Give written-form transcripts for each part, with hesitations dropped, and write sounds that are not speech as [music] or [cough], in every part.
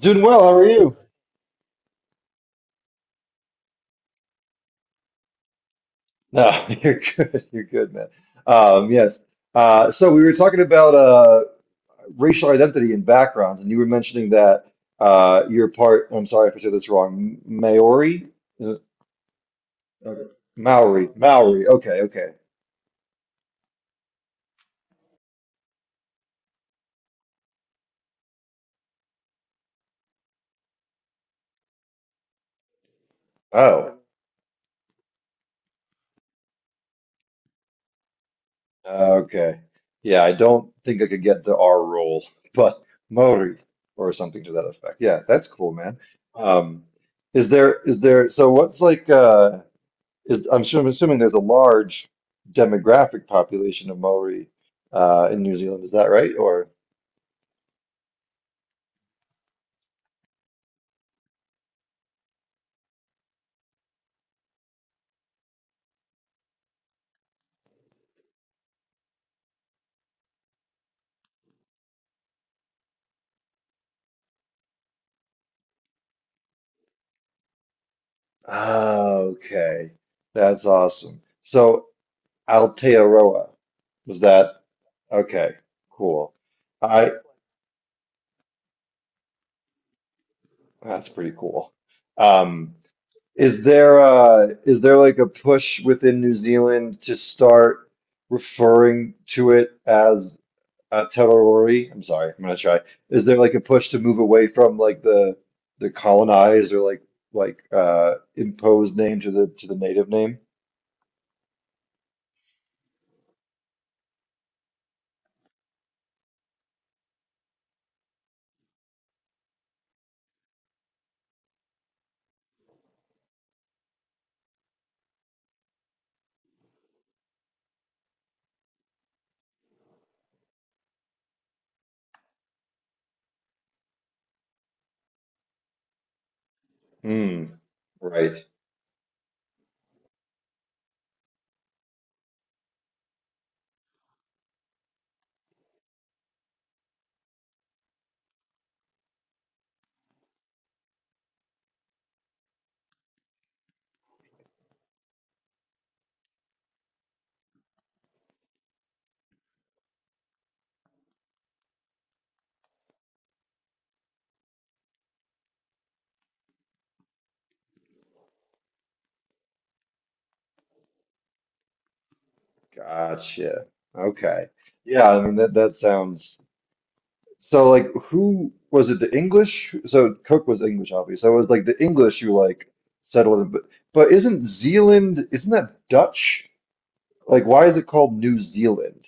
Doing well. How are you? No, [laughs] you're good. You're good, man. Um, yes. So we were talking about racial identity and backgrounds, and you were mentioning that you're part, I'm sorry if I said this wrong, Maori? Is it- okay. Maori. Maori. Okay, okay. Oh, okay. Yeah, I don't think I could get the R roll, [laughs] but Maori or something to that effect. Yeah, that's cool, man. Um, is there, so what's like, I'm sure, I'm assuming there's a large demographic population of Maori in New Zealand. Is that right? Or ah, okay, that's awesome. So Aotearoa, was that okay? Cool. I that's pretty cool. Um, is there like a push within New Zealand to start referring to it as Terrorori, I'm sorry, I'm gonna try. Is there like a push to move away from like the colonized, or like like imposed name to the native name? Hmm. Right. Gotcha. Okay. Yeah, I mean that sounds, so like who was it, the English? So Cook was English, obviously. So it was like the English who like settled it, but isn't Zealand, isn't that Dutch? Like why is it called New Zealand?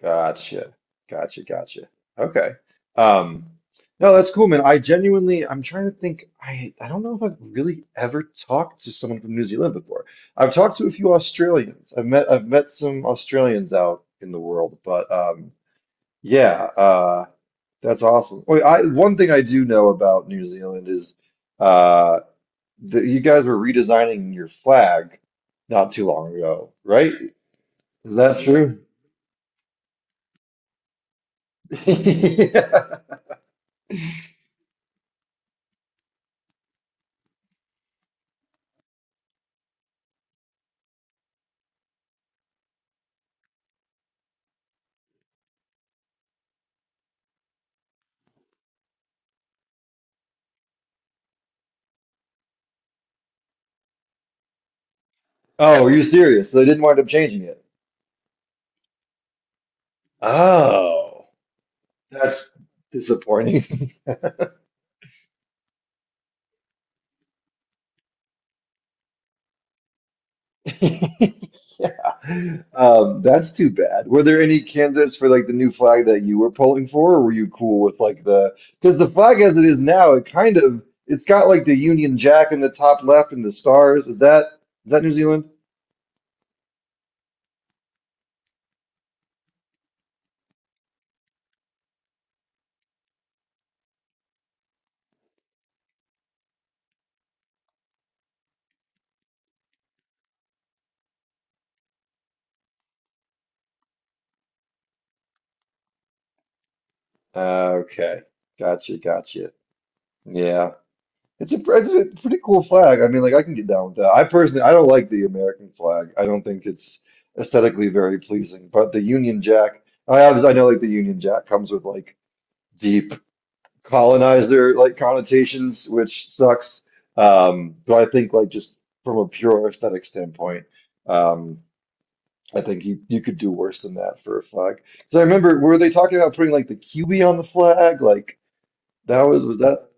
Gotcha. Gotcha. Gotcha. Okay. Um, no, that's cool, man. I genuinely, I'm trying to think. I don't know if I've really ever talked to someone from New Zealand before. I've talked to a few Australians. I've met some Australians out in the world, but yeah, uh, that's awesome. Wait, I, one thing I do know about New Zealand is uh, that you guys were redesigning your flag not too long ago, right? Is that true? [laughs] Oh, are you serious? So they didn't wind up changing it. Oh. That's disappointing. [laughs] Yeah. That's too bad. Were there any candidates for like the new flag that you were polling for, or were you cool with like the because the flag as it is now, it kind of, it's got like the Union Jack in the top left and the stars. Is that New Zealand? Okay. Gotcha, gotcha. Yeah. It's a pretty cool flag. I mean, like I can get down with that. I personally, I don't like the American flag. I don't think it's aesthetically very pleasing. But the Union Jack, I obviously I know like the Union Jack comes with like deep colonizer like connotations, which sucks. But I think like just from a pure aesthetic standpoint, um, I think you could do worse than that for a flag. So I remember, were they talking about putting like the QB on the flag? Like that was that?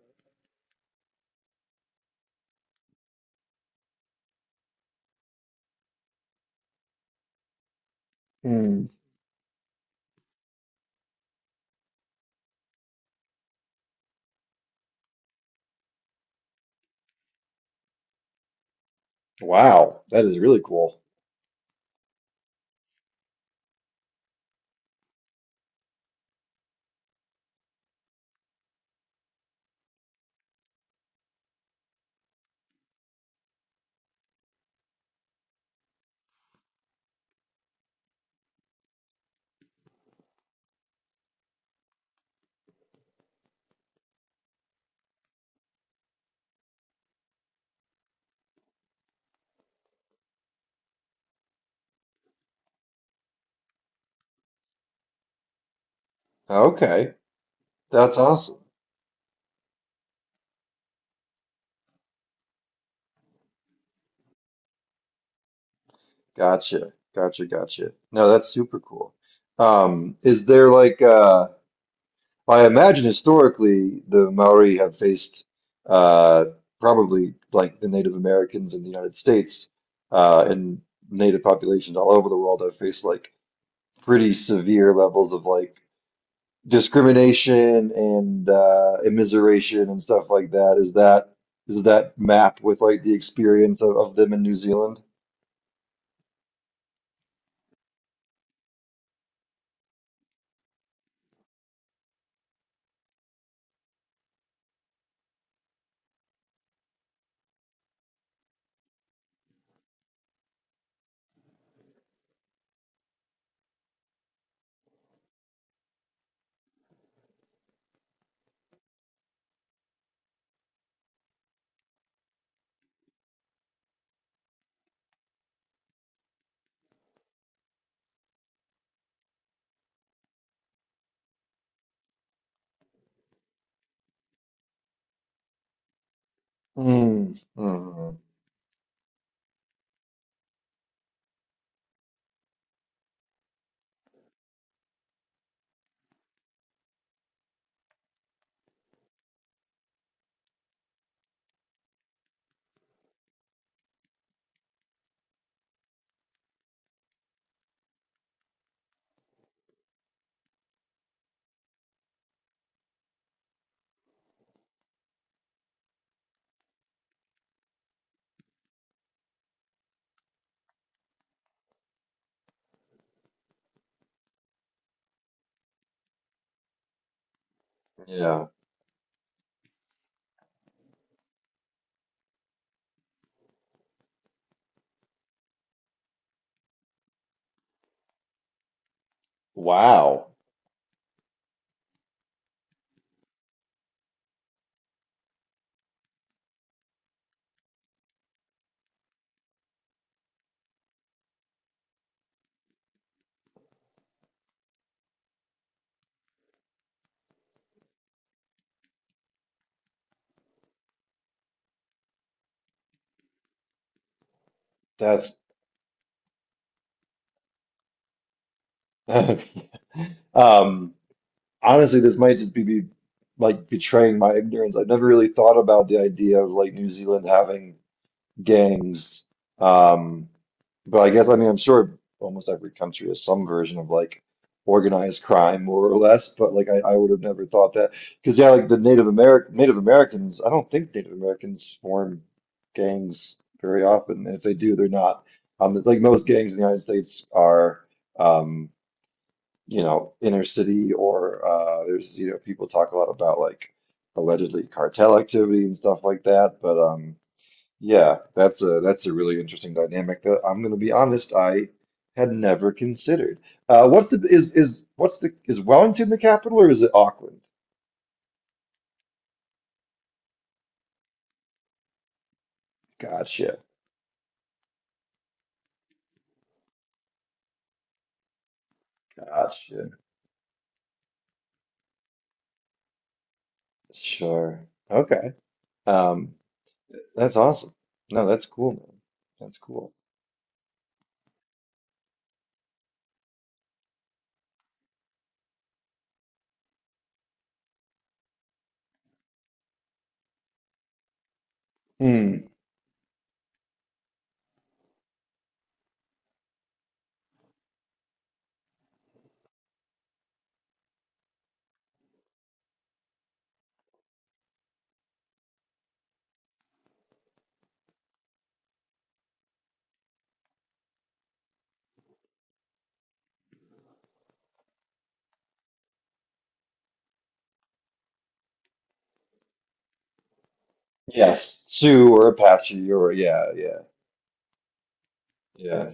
Hmm. Wow, that is really cool. Okay, that's awesome. Gotcha, gotcha, gotcha. No, that's super cool. Is there like I imagine historically the Maori have faced uh probably like the Native Americans in the United States and Native populations all over the world have faced like pretty severe levels of like discrimination and immiseration and stuff like that. Is that map with like the experience of, them in New Zealand? Mm, mm, yeah. Wow. That's [laughs] um honestly this might just be like betraying my ignorance. I've never really thought about the idea of like New Zealand having gangs. Um, but I guess, I mean, I'm sure almost every country has some version of like organized crime, more or less. But like, I would have never thought that because yeah, like the Native American Native Americans, I don't think Native Americans form gangs very often. And if they do, they're not like most gangs in the United States are um you know, inner city, or there's you know people talk a lot about like allegedly cartel activity and stuff like that. But yeah, that's a really interesting dynamic that I'm going to be honest, I had never considered. What's the is what's the is Wellington the capital, or is it Auckland? Gotcha, gotcha. Sure. Okay. Um, that's awesome. No, that's cool, man. That's cool. Hmm. Yes, Sioux or Apache or yeah, yeah, yeah.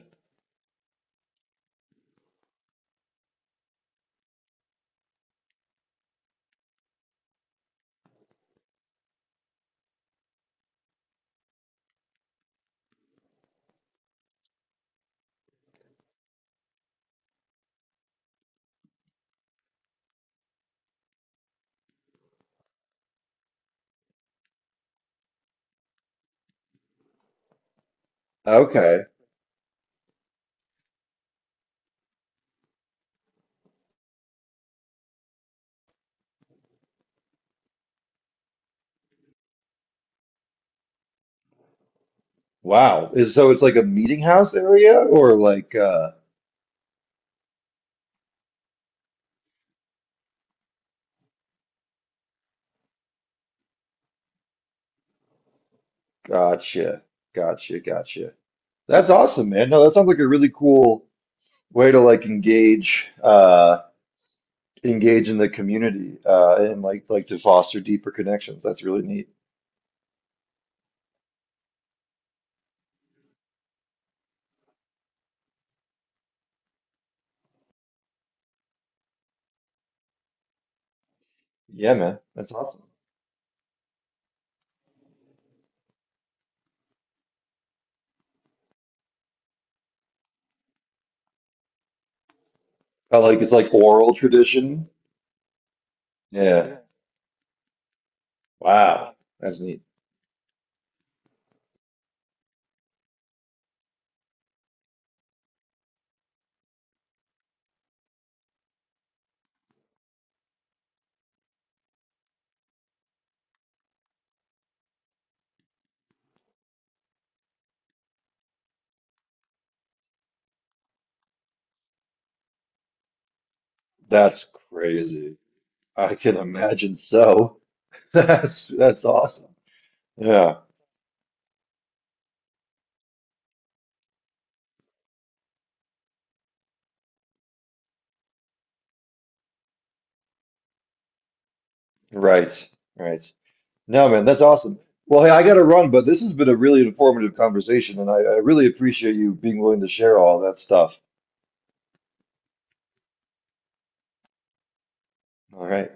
Okay. Wow. Is so it's like a meeting house area, or like gotcha, gotcha, gotcha. That's awesome, man. No, that sounds like a really cool way to like engage engage in the community and like to foster deeper connections. That's really neat. Yeah, man. That's awesome. I like it's like oral tradition. Yeah. Wow. That's neat. That's crazy. I can imagine so. [laughs] That's awesome. Yeah. Right. Right. No, man, that's awesome. Well, hey, I gotta run, but this has been a really informative conversation, and I really appreciate you being willing to share all that stuff. All right.